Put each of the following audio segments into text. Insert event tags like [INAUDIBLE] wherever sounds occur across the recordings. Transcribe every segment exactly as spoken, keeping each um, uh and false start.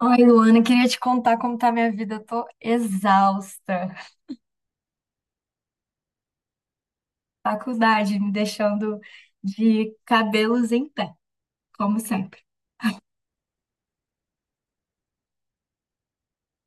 Oi, Luana, queria te contar como tá a minha vida. Eu tô exausta. Faculdade me deixando de cabelos em pé, como sempre.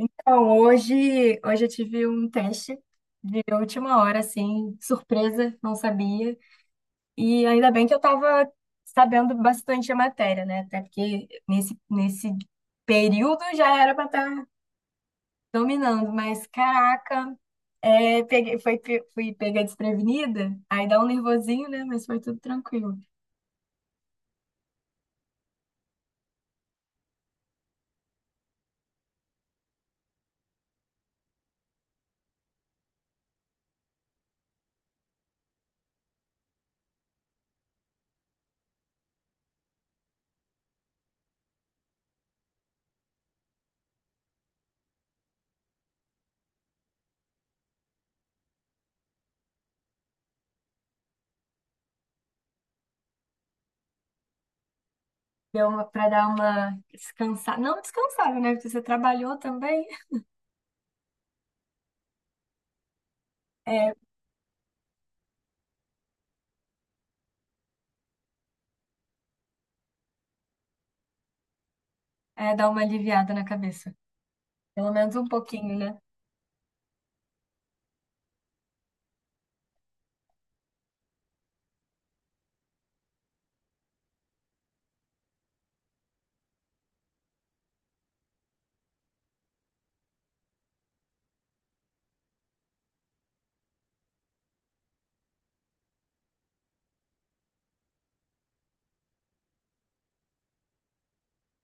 Então, hoje, hoje eu tive um teste de última hora, assim, surpresa, não sabia. E ainda bem que eu tava sabendo bastante a matéria, né? Até porque nesse, nesse período já era pra estar dominando, mas caraca, é, peguei, foi, pe- fui pega desprevenida, aí dá um nervosinho, né? Mas foi tudo tranquilo. Deu uma, pra dar uma descansada, não descansada, né? Porque você trabalhou também, é, é dar uma aliviada na cabeça. Pelo menos um pouquinho, né?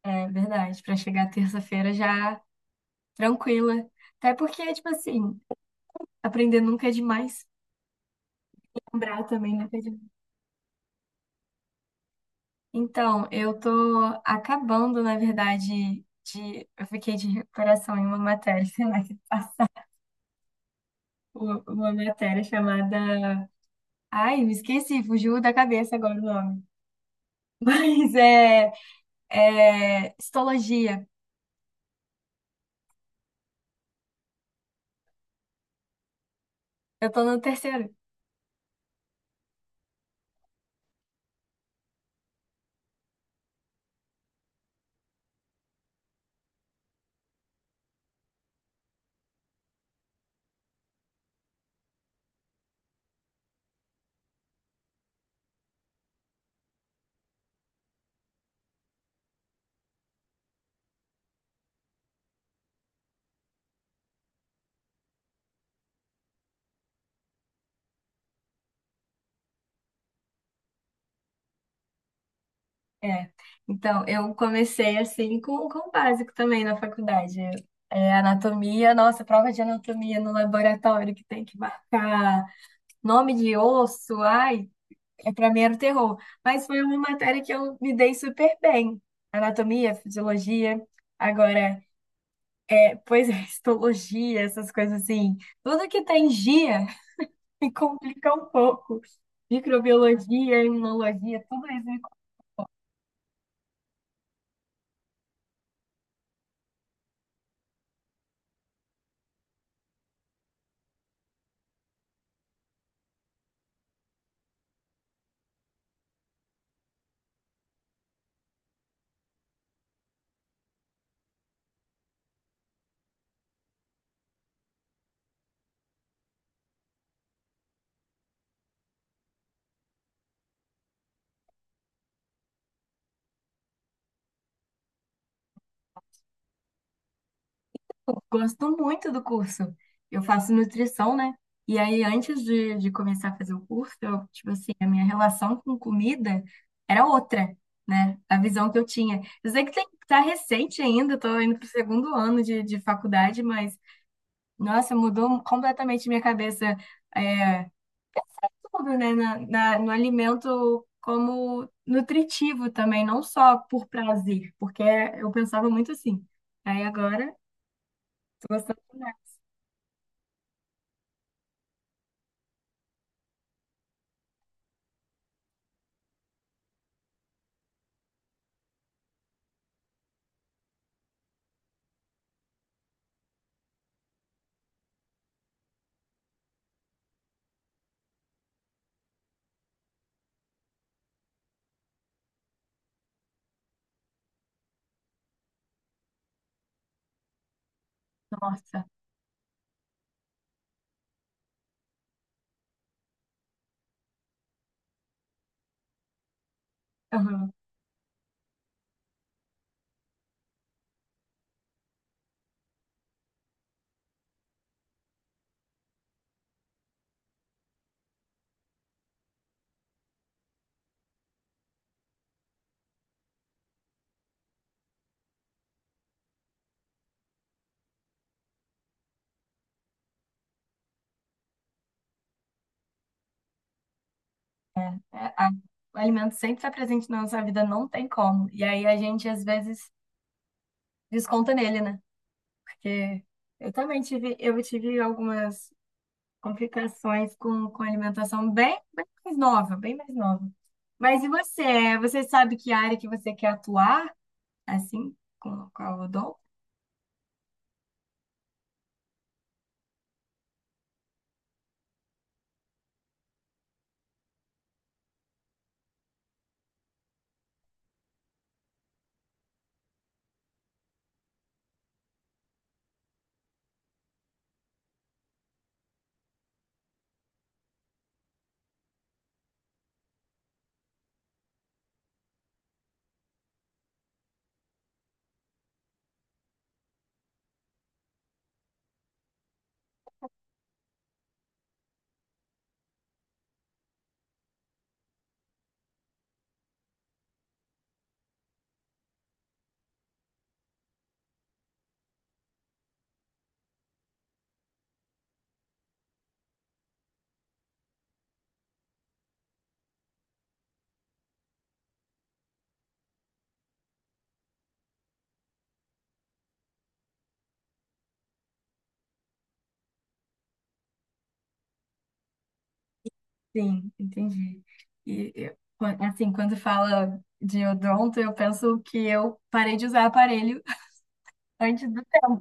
É verdade, pra chegar terça-feira já tranquila. Até porque, tipo assim, aprender nunca é demais, lembrar também nunca é demais. Então, eu tô acabando, na verdade, de. Eu fiquei de recuperação em uma matéria, [LAUGHS] sei lá, que passa- uma uma matéria chamada. Ai, me esqueci, fugiu da cabeça agora o nome. [LAUGHS] Mas é, é histologia. Eu tô no terceiro. É. Então, eu comecei assim com, com o básico também na faculdade. É, é anatomia, nossa, prova de anatomia no laboratório que tem que marcar nome de osso, ai. É, para mim era o terror. Mas foi uma matéria que eu me dei super bem. Anatomia, fisiologia. Agora, é, pois é, [LAUGHS] histologia, essas coisas assim. Tudo que tem gia [LAUGHS] me complica um pouco. Microbiologia, imunologia, tudo isso. Gosto muito do curso. Eu faço nutrição, né? E aí, antes de, de começar a fazer o curso, eu, tipo assim, a minha relação com comida era outra, né? A visão que eu tinha. Eu sei que tem, tá recente ainda, eu tô indo pro segundo ano de, de faculdade, mas, nossa, mudou completamente minha cabeça, é, tudo, né? Na, na- no alimento como nutritivo também, não só por prazer, porque eu pensava muito assim. Aí agora, tô gostando, né? Nossa. Aham. É, a- o alimento sempre está presente na nossa vida, não tem como. E aí a gente às vezes desconta nele, né? Porque eu também tive, eu tive algumas complicações com, com alimentação bem, bem mais nova, bem mais nova. Mas e você? Você sabe que área que você quer atuar, assim, com, com a odonto? Sim, entendi. E eu- quan- assim, quando fala de odonto, eu penso que eu parei de usar aparelho [LAUGHS] antes do tempo.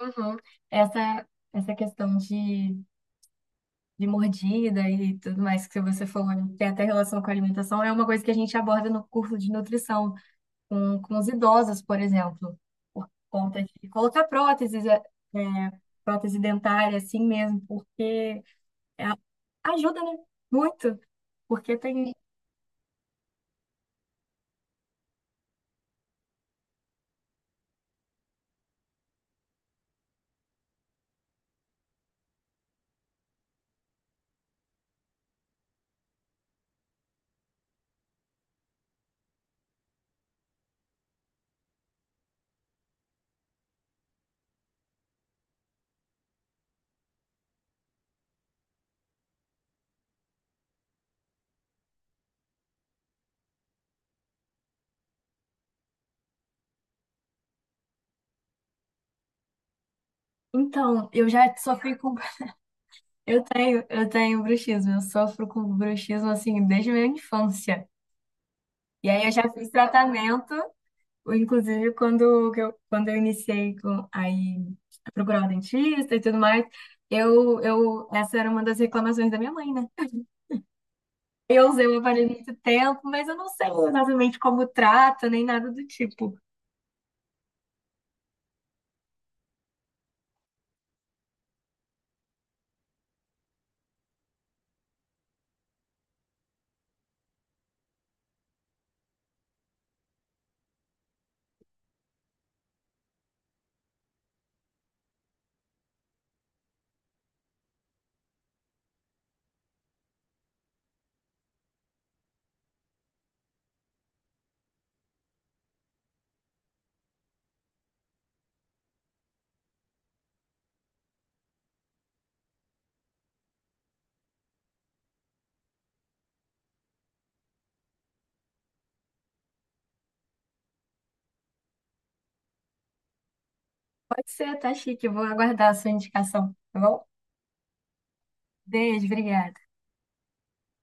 Uhum. Essa, essa questão de, de mordida e tudo mais que você falou, tem até relação com a alimentação, é uma coisa que a gente aborda no curso de nutrição, com, com os idosos, por exemplo, por conta de colocar próteses, é, é, prótese dentária, assim mesmo, porque é, ajuda, né? Muito, porque tem. Então, eu já sofri com. [LAUGHS] Eu tenho, eu tenho bruxismo, eu sofro com bruxismo, assim, desde a minha infância. E aí eu já fiz tratamento. Inclusive, quando que eu, quando eu iniciei com, aí, a procurar um dentista e tudo mais, eu, eu, essa era uma das reclamações da minha mãe, né? Eu usei o aparelho muito tempo, mas eu não sei exatamente como trata, nem nada do tipo. Pode ser, tá chique, eu vou aguardar a sua indicação, tá bom? Beijo, obrigada.